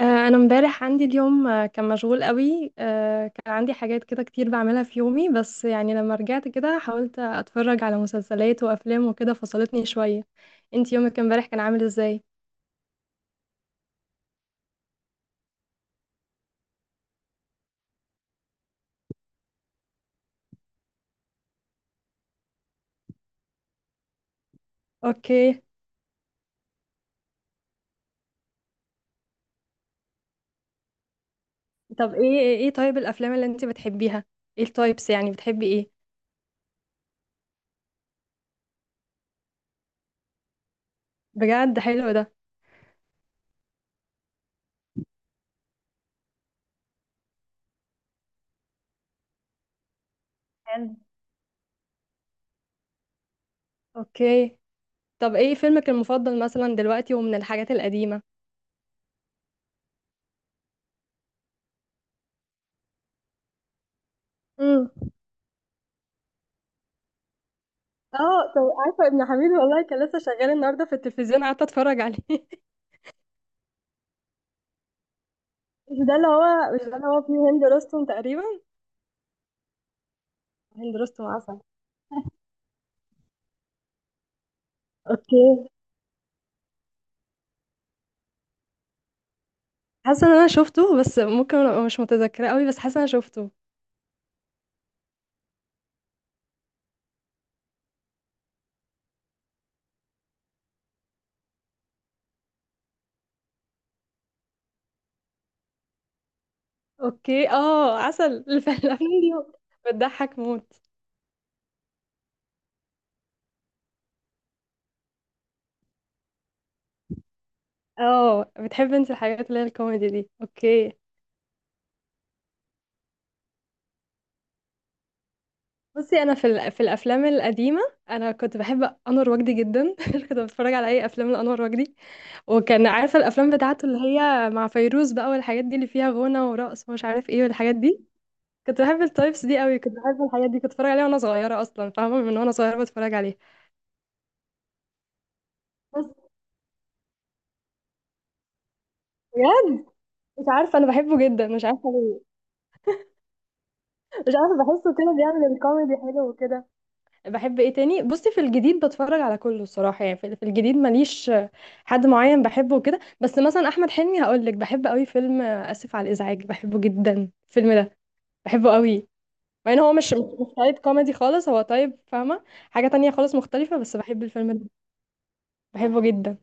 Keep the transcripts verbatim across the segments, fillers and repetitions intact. آه، انا امبارح عندي اليوم، آه، كان مشغول قوي، آه، كان عندي حاجات كده كتير بعملها في يومي، بس يعني لما رجعت كده حاولت اتفرج على مسلسلات وافلام وكده فصلتني شوية. انت يومك امبارح كان عامل ازاي؟ اوكي. طب ايه ايه إيه طيب الافلام اللي انت بتحبيها، ايه التايبس، يعني بتحبي ايه؟ بجد حلو ده. حلو. اوكي. طب ايه فيلمك المفضل مثلا دلوقتي ومن الحاجات القديمة؟ امم اه، طب عارفة ابن حميد والله كان لسه شغال النهارده في التلفزيون، قعدت اتفرج عليه. مش ده اللي هو مش ده اللي هو فيه هند رستم تقريبا. هند رستم عسل. اوكي. حاسه ان انا شفته، بس ممكن ابقى مش متذكره قوي، بس حاسه ان انا شفته. اوكي، اه عسل الف- الافلام دي بتضحك موت. اه، بتحب انت الحاجات اللي هي الكوميدي دي. اوكي. بصي انا في ال- في الافلام القديمه، انا كنت بحب انور وجدي جدا كنت بتفرج على اي افلام لانور وجدي، وكان عارفه الافلام بتاعته اللي هي مع فيروز بقى والحاجات دي اللي فيها غنى ورقص ومش عارف ايه والحاجات دي. كنت بحب التايبس دي قوي، كنت بحب الحاجات دي، كنت بتفرج عليها وانا صغيره اصلا، فاهمه، من وانا صغيره بتفرج عليه. بس بجد مش عارفه انا بحبه جدا، مش عارفه ليه. مش عارفه، بحسه كده بيعمل الكوميدي حلو وكده. بحب ايه تاني؟ بصي في الجديد بتفرج على كله الصراحه، يعني في في الجديد ماليش حد معين بحبه وكده، بس مثلا احمد حلمي هقول لك بحب قوي فيلم اسف على الازعاج، بحبه جدا الفيلم ده، بحبه قوي. مع ان هو مش مش مش تايب كوميدي خالص، هو تايب، فاهمه، حاجه تانية خالص مختلفه، بس بحب الفيلم ده، بحبه جدا.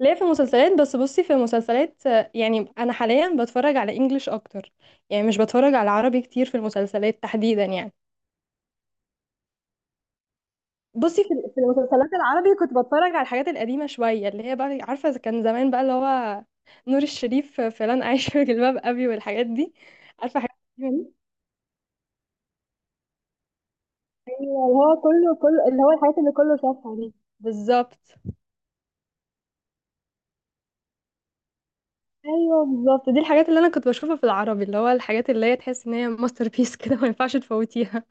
ليه؟ في المسلسلات؟ بس بصي في المسلسلات، آه، يعني انا حاليا بتفرج على انجليش اكتر، يعني مش بتفرج على عربي كتير في المسلسلات تحديدا يعني. بصي في في المسلسلات العربي كنت بتفرج على الحاجات القديمة شوية اللي هي بقى، عارفة، إذا كان زمان بقى اللي هو نور الشريف، فلان عايش في جلباب ابي والحاجات دي، عارفة حاجات القديمة دي. ايوه، اللي هو كله كله اللي هو الحاجات اللي كله شافها دي. بالظبط. ايوه بالظبط، دي الحاجات اللي انا كنت بشوفها في العربي، اللي هو الحاجات اللي هي تحس ان هي ماستر بيس كده ما ينفعش تفوتيها.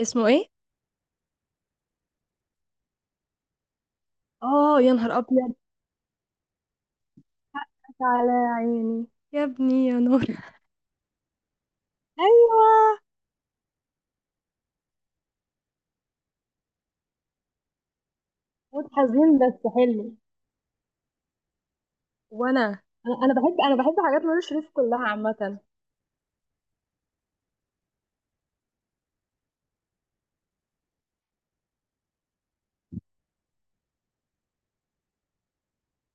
اسمه ايه؟ اه، يا نهار ابيض، على عيني، يا ابني يا نور. ايوه. موت حزين بس حلو. وانا انا أنا بحب انا بحب حاجات نور الشريف كلها عامه.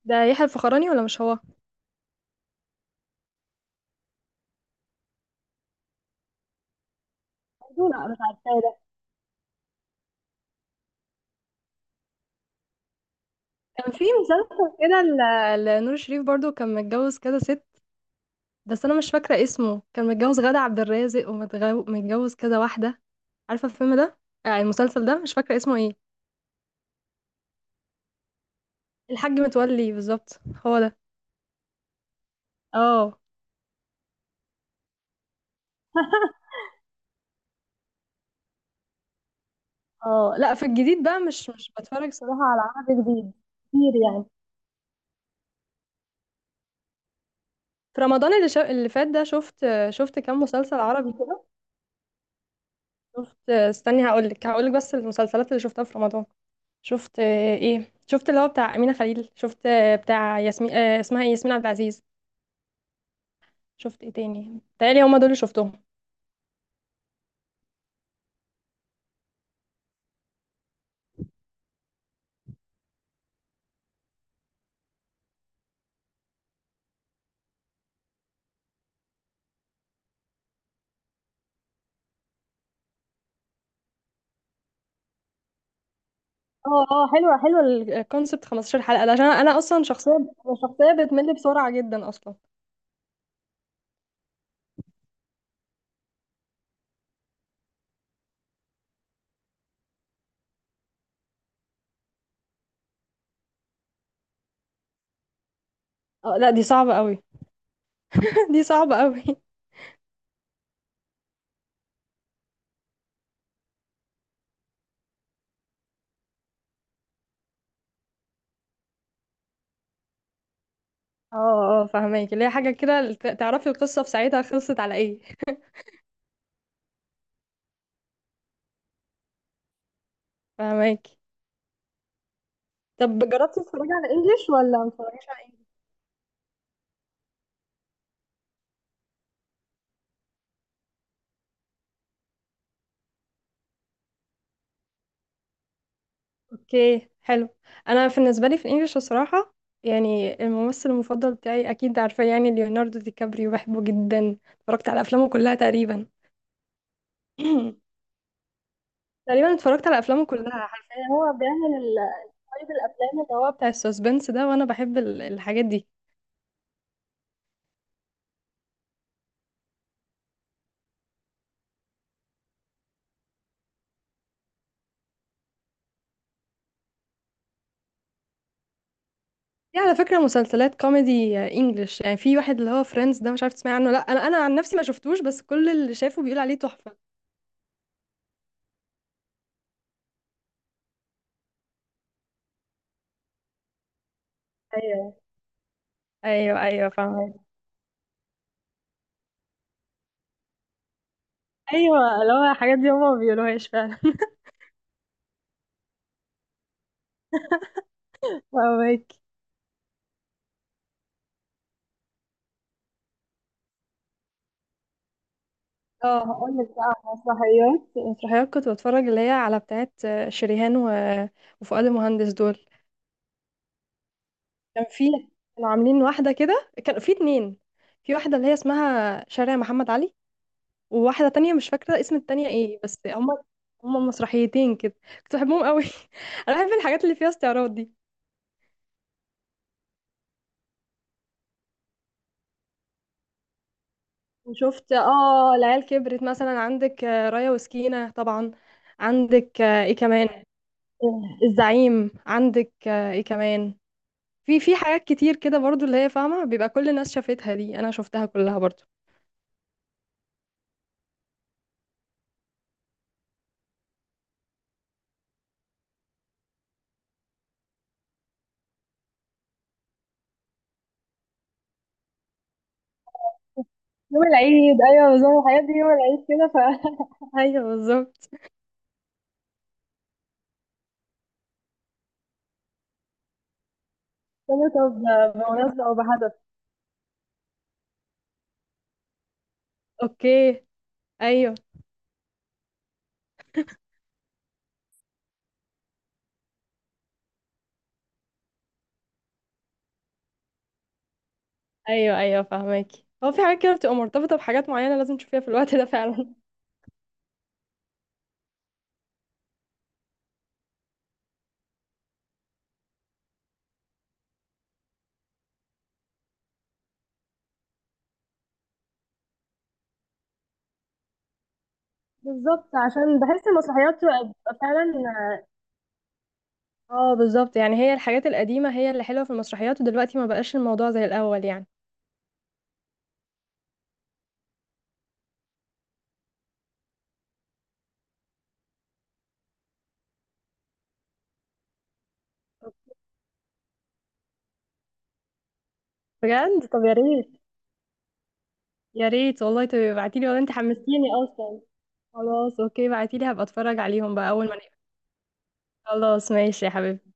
ده يحيى الفخراني ولا مش هو؟ برضه، لا مش عارفه ده. كان في مسلسل كده ل- لنور الشريف برضو، كان متجوز كده ست، بس انا مش فاكره اسمه، كان متجوز غادة عبد الرازق ومتجوز كده واحده، عارفه الفيلم ده، آه، المسلسل ده مش فاكره اسمه ايه. الحاج متولي بالظبط، هو ده. اه. اه لا، في الجديد بقى مش مش بتفرج صراحة على عربي جديد كتير يعني. في رمضان اللي, شا... اللي فات ده شفت شفت كام مسلسل عربي كده. شفت، استني، هقولك هقولك بس المسلسلات اللي شفتها في رمضان: شفت آه، ايه، شفت اللي هو بتاع أمينة خليل، شفت آه، بتاع ياسمين، آه، اسمها ايه، ياسمين عبد العزيز، شفت ايه تاني، بتهيألي هما دول اللي شفتهم. اه اه، حلوة حلوة. الكونسبت 15 حلقة ده، عشان انا اصلا شخصية، شخصية بتمل بسرعة جدا اصلا. اه لا دي صعبة قوي دي صعبة قوي. اه اه فهماكي، اللي هي حاجة كده ت- تعرفي القصة في ساعتها خلصت على ايه. فهماكي. طب جربتي تتفرجي على انجليش ولا ما بتتفرجيش على انجليش؟ اوكي حلو. انا بالنسبة لي في الانجليش الصراحة، يعني الممثل المفضل بتاعي اكيد عارفاه يعني ليوناردو دي كابريو، بحبه جدا، اتفرجت على افلامه كلها تقريبا. تقريبا اتفرجت على افلامه كلها حرفيا، هو بيعمل ال- طيب الافلام اللي هو بتاع السسبنس ده وانا بحب ال- الحاجات دي. في على فكرة مسلسلات كوميدي انجلش، يعني في واحد اللي هو فريندز ده، مش عارف تسمعي عنه، لا انا انا عن نفسي ما شفتوش، بس كل اللي شافه بيقول عليه تحفة. ايوه ايوه ايوه فاهمك. ايوه، اللي هو الحاجات دي هما ما بيقولوهاش فعلا فاهمك. اه، هقول لك بقى على مسرحيات، مسرحيات كنت بتفرج اللي هي على بتاعت شريهان و... وفؤاد المهندس دول. كان في كانوا عاملين واحدة كده، كان في اتنين، في واحدة اللي هي اسمها شارع محمد علي، وواحدة تانية مش فاكرة اسم التانية ايه، بس هما هما مسرحيتين كده، كنت بحبهم قوي انا بحب الحاجات اللي فيها استعراض دي. وشفت اه العيال كبرت مثلا، عندك آه، رايا وسكينة طبعا، عندك آه، ايه كمان، آه، الزعيم، عندك آه، ايه كمان، في في حاجات كتير كده برضو اللي هي فاهمة بيبقى كل الناس شافتها دي، انا شفتها كلها برضو. يوم العيد، ايوه بالظبط الحاجات دي يوم العيد كده ف ايوه بالظبط. مرتبطة بمناسبة او بهدف. اوكي. ايوه ايوه ايوه فاهماكي، هو في حاجات كده بتبقى مرتبطه بحاجات معينه، لازم تشوفيها في الوقت ده فعلا بالظبط، عشان بحس المسرحيات بتبقى فعلا. اه بالظبط، يعني هي الحاجات القديمه هي اللي حلوه في المسرحيات، ودلوقتي ما بقاش الموضوع زي الاول يعني. بجد؟ طب يا ريت، يا ريت والله تبقي ابعتيلي، والله انت حمستيني اصلا. خلاص اوكي بعتيلي، هبقى اتفرج عليهم بقى اول ما نقفل. خلاص ماشي يا حبيبتي.